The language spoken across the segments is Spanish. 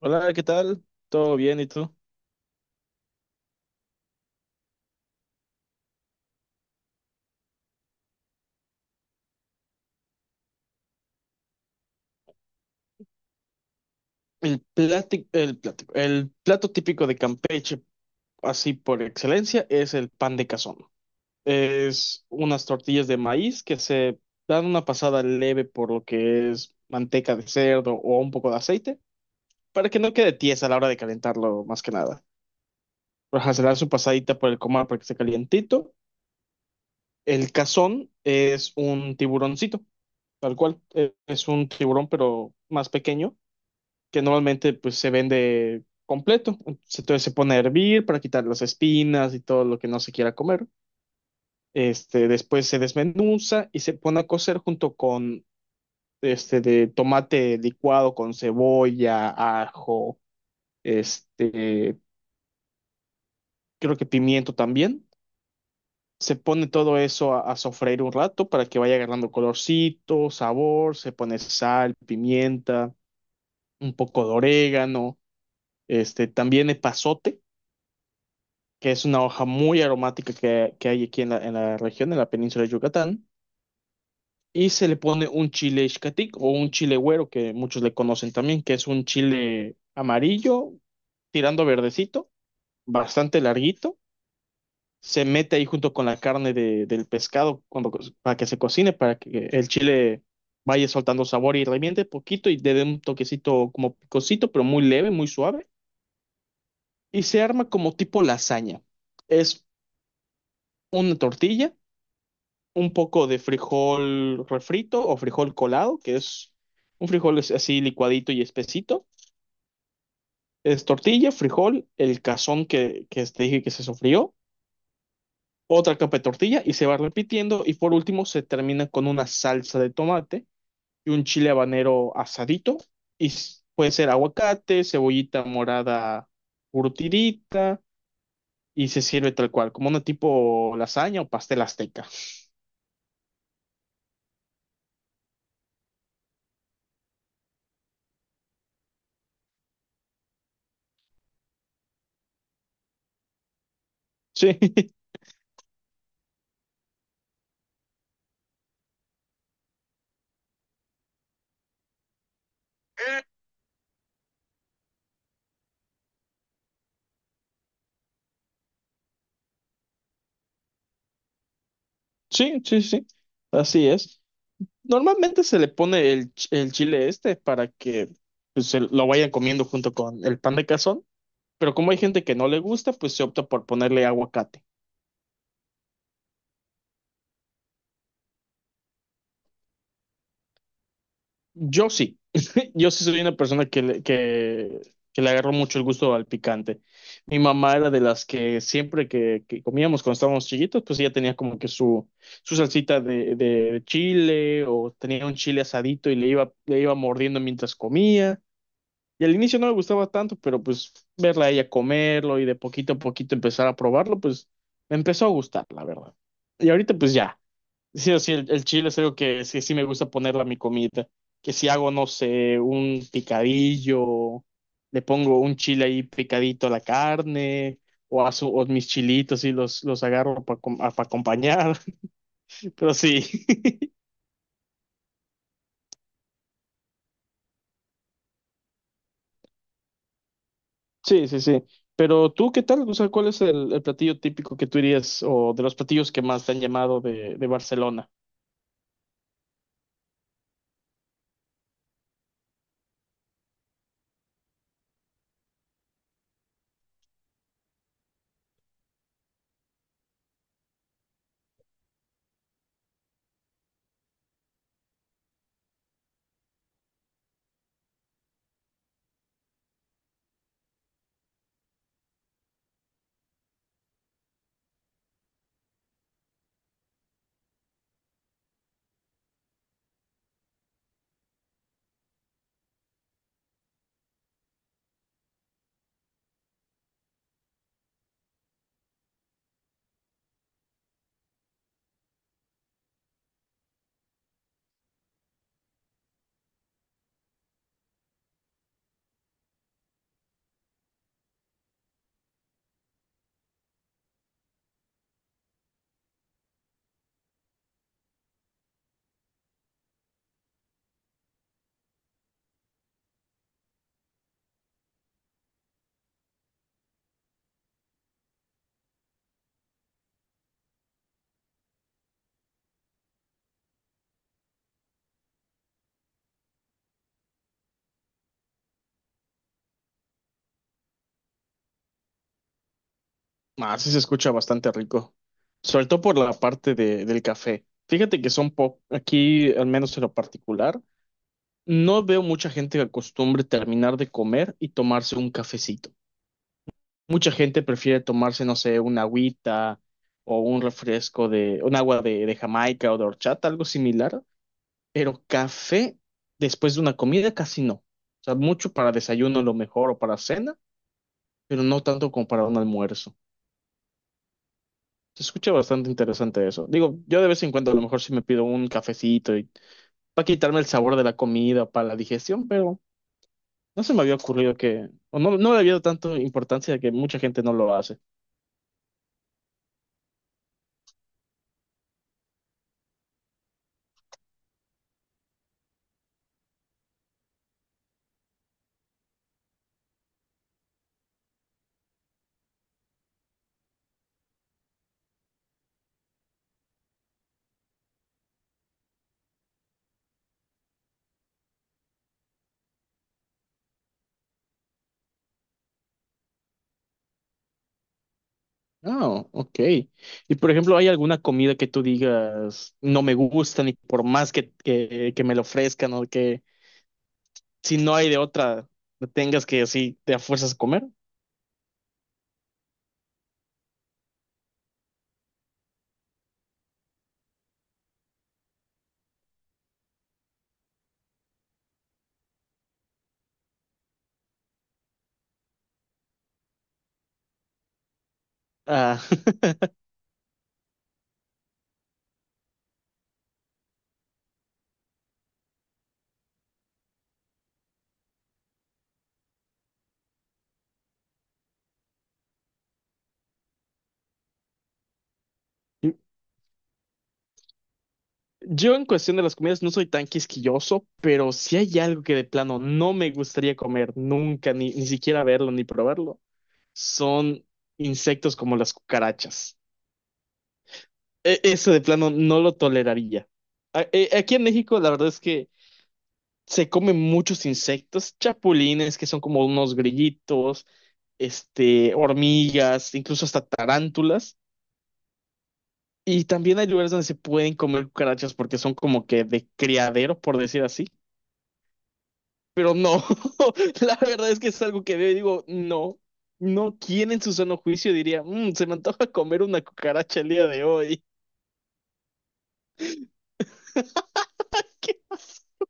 Hola, ¿qué tal? ¿Todo bien? ¿Y tú? El plato típico de Campeche, así por excelencia, es el pan de cazón. Es unas tortillas de maíz que se dan una pasada leve por lo que es manteca de cerdo o un poco de aceite, para que no quede tiesa a la hora de calentarlo, más que nada. Ajá, se le da su pasadita por el comal para que esté calientito. El cazón es un tiburoncito, tal cual. Es un tiburón, pero más pequeño que normalmente pues se vende completo. Entonces se pone a hervir para quitar las espinas y todo lo que no se quiera comer. Este, después se desmenuza y se pone a cocer junto con este de tomate licuado con cebolla, ajo, este, creo que pimiento también. Se pone todo eso a sofreír un rato para que vaya agarrando colorcito, sabor, se pone sal, pimienta, un poco de orégano, este, también epazote que es una hoja muy aromática que hay aquí en la región, en la península de Yucatán, y se le pone un chile ixcatec o un chile güero, que muchos le conocen también, que es un chile amarillo, tirando a verdecito, bastante larguito. Se mete ahí junto con la carne de- del pescado cuando, co- para que se cocine, para que el chile vaya soltando sabor y reviente poquito y le dé un toquecito como picosito, pero muy leve, muy suave. Y se arma como tipo lasaña. Es una tortilla, un poco de frijol refrito o frijol colado, que es un frijol es- así licuadito y espesito. Es tortilla, frijol, el cazón que te dije que se sofrió, otra capa de tortilla y se va repitiendo. Y por último se termina con una salsa de tomate y un chile habanero asadito. Y s- puede ser aguacate, cebollita morada curtidita y se sirve tal cual, como una tipo lasaña o pastel azteca. Sí, sí, sí, sí. Así es. Normalmente se le pone el, ch- el chile este para que pues, se lo vayan comiendo junto con el pan de cazón, pero como hay gente que no le gusta, pues se opta por ponerle aguacate. Yo sí, yo sí soy una persona que le agarró mucho el gusto al picante. Mi mamá era de las que siempre que comíamos cuando estábamos chiquitos, pues ella tenía como que su salsita de chile o tenía un chile asadito y le iba mordiendo mientras comía. Y al inicio no me gustaba tanto, pero pues verla a ella comerlo y de poquito a poquito empezar a probarlo, pues me empezó a gustar, la verdad. Y ahorita pues ya, sí o sí, el chile es algo que sí, sí me gusta ponerle a mi comida, que si hago, no sé, un picadillo, le pongo un chile ahí picadito a la carne, o, a su- o mis chilitos y los agarro para acompañar, pero sí. Sí, sí, sí. Pero tú, ¿qué tal? O sea, ¿cuál es el platillo típico que tú dirías o de los platillos que más te han llamado de Barcelona? Ah, sí se escucha bastante rico. Sobre todo por la parte de, del café. Fíjate que son po aquí, al menos en lo particular, no veo mucha gente que acostumbre terminar de comer y tomarse un cafecito. Mucha gente prefiere tomarse, no sé, una agüita o un refresco de, un agua de Jamaica o de horchata, algo similar. Pero café después de una comida casi no. O sea, mucho para desayuno a lo mejor o para cena, pero no tanto como para un almuerzo. Se escucha bastante interesante eso. Digo, yo de vez en cuando a lo mejor sí me pido un cafecito y para quitarme el sabor de la comida, para la digestión, pero no se me había ocurrido que, o no, no le había dado tanto importancia que mucha gente no lo hace. Ah, ok. Y por ejemplo, ¿hay alguna comida que tú digas no me gusta ni por más que, que me lo ofrezcan o que si no hay de otra, tengas que así te a fuerzas comer? Ah, yo en cuestión de las comidas no soy tan quisquilloso, pero si hay algo que de plano no me gustaría comer nunca, ni, ni siquiera verlo ni probarlo, son insectos como las cucarachas. E- eso de plano no lo toleraría. A- e- aquí en México la verdad es que se comen muchos insectos, chapulines que son como unos grillitos, este, hormigas, incluso hasta tarántulas. Y también hay lugares donde se pueden comer cucarachas porque son como que de criadero, por decir así. Pero no, la verdad es que es algo que veo y digo, no, no, ¿quién en su sano juicio diría, "Mm, se me antoja comer una cucaracha el día de hoy"? ¡Qué asco!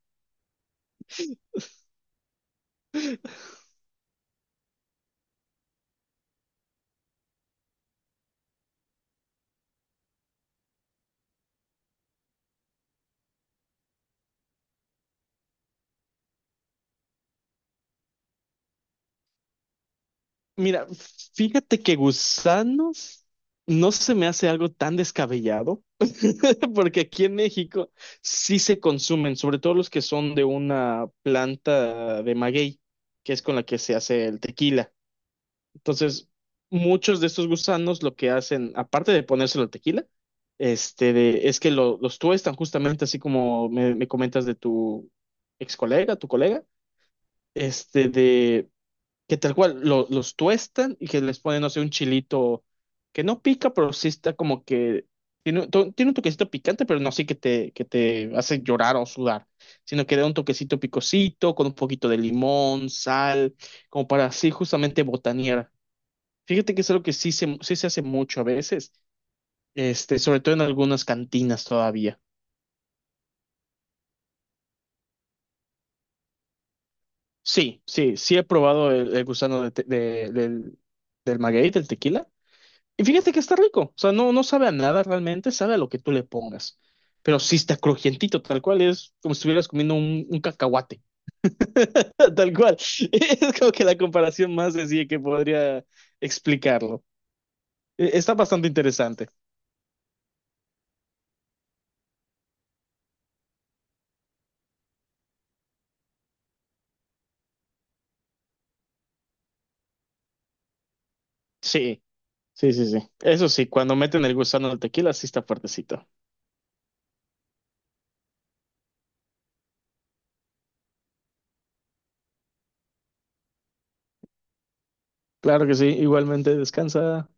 Mira, fíjate que gusanos no se me hace algo tan descabellado, porque aquí en México sí se consumen, sobre todo los que son de una planta de maguey, que es con la que se hace el tequila. Entonces, muchos de estos gusanos lo que hacen, aparte de ponérselo al tequila, este, de- es que lo- los tuestan justamente así como me comentas de tu ex colega, tu colega, este, de que tal cual lo- los tuestan y que les ponen, no sé, un chilito que no pica, pero sí está como que tiene, un to- tiene un toquecito picante, pero no así que te hace llorar o sudar, sino que da un toquecito picosito con un poquito de limón, sal, como para así justamente botanear. Fíjate que es algo que sí se hace mucho a veces, este, sobre todo en algunas cantinas todavía. Sí, sí, sí he probado el gusano de te- de- del, del maguey, del tequila. Y fíjate que está rico, o sea, no, no sabe a nada realmente, sabe a lo que tú le pongas. Pero sí está crujientito, tal cual es como si estuvieras comiendo un cacahuate, tal cual. Es como que la comparación más sencilla que podría explicarlo. E- está bastante interesante. Sí, sí, sí, sí. Eso sí, cuando meten el gusano del tequila, sí está fuertecito. Claro que sí, igualmente descansa.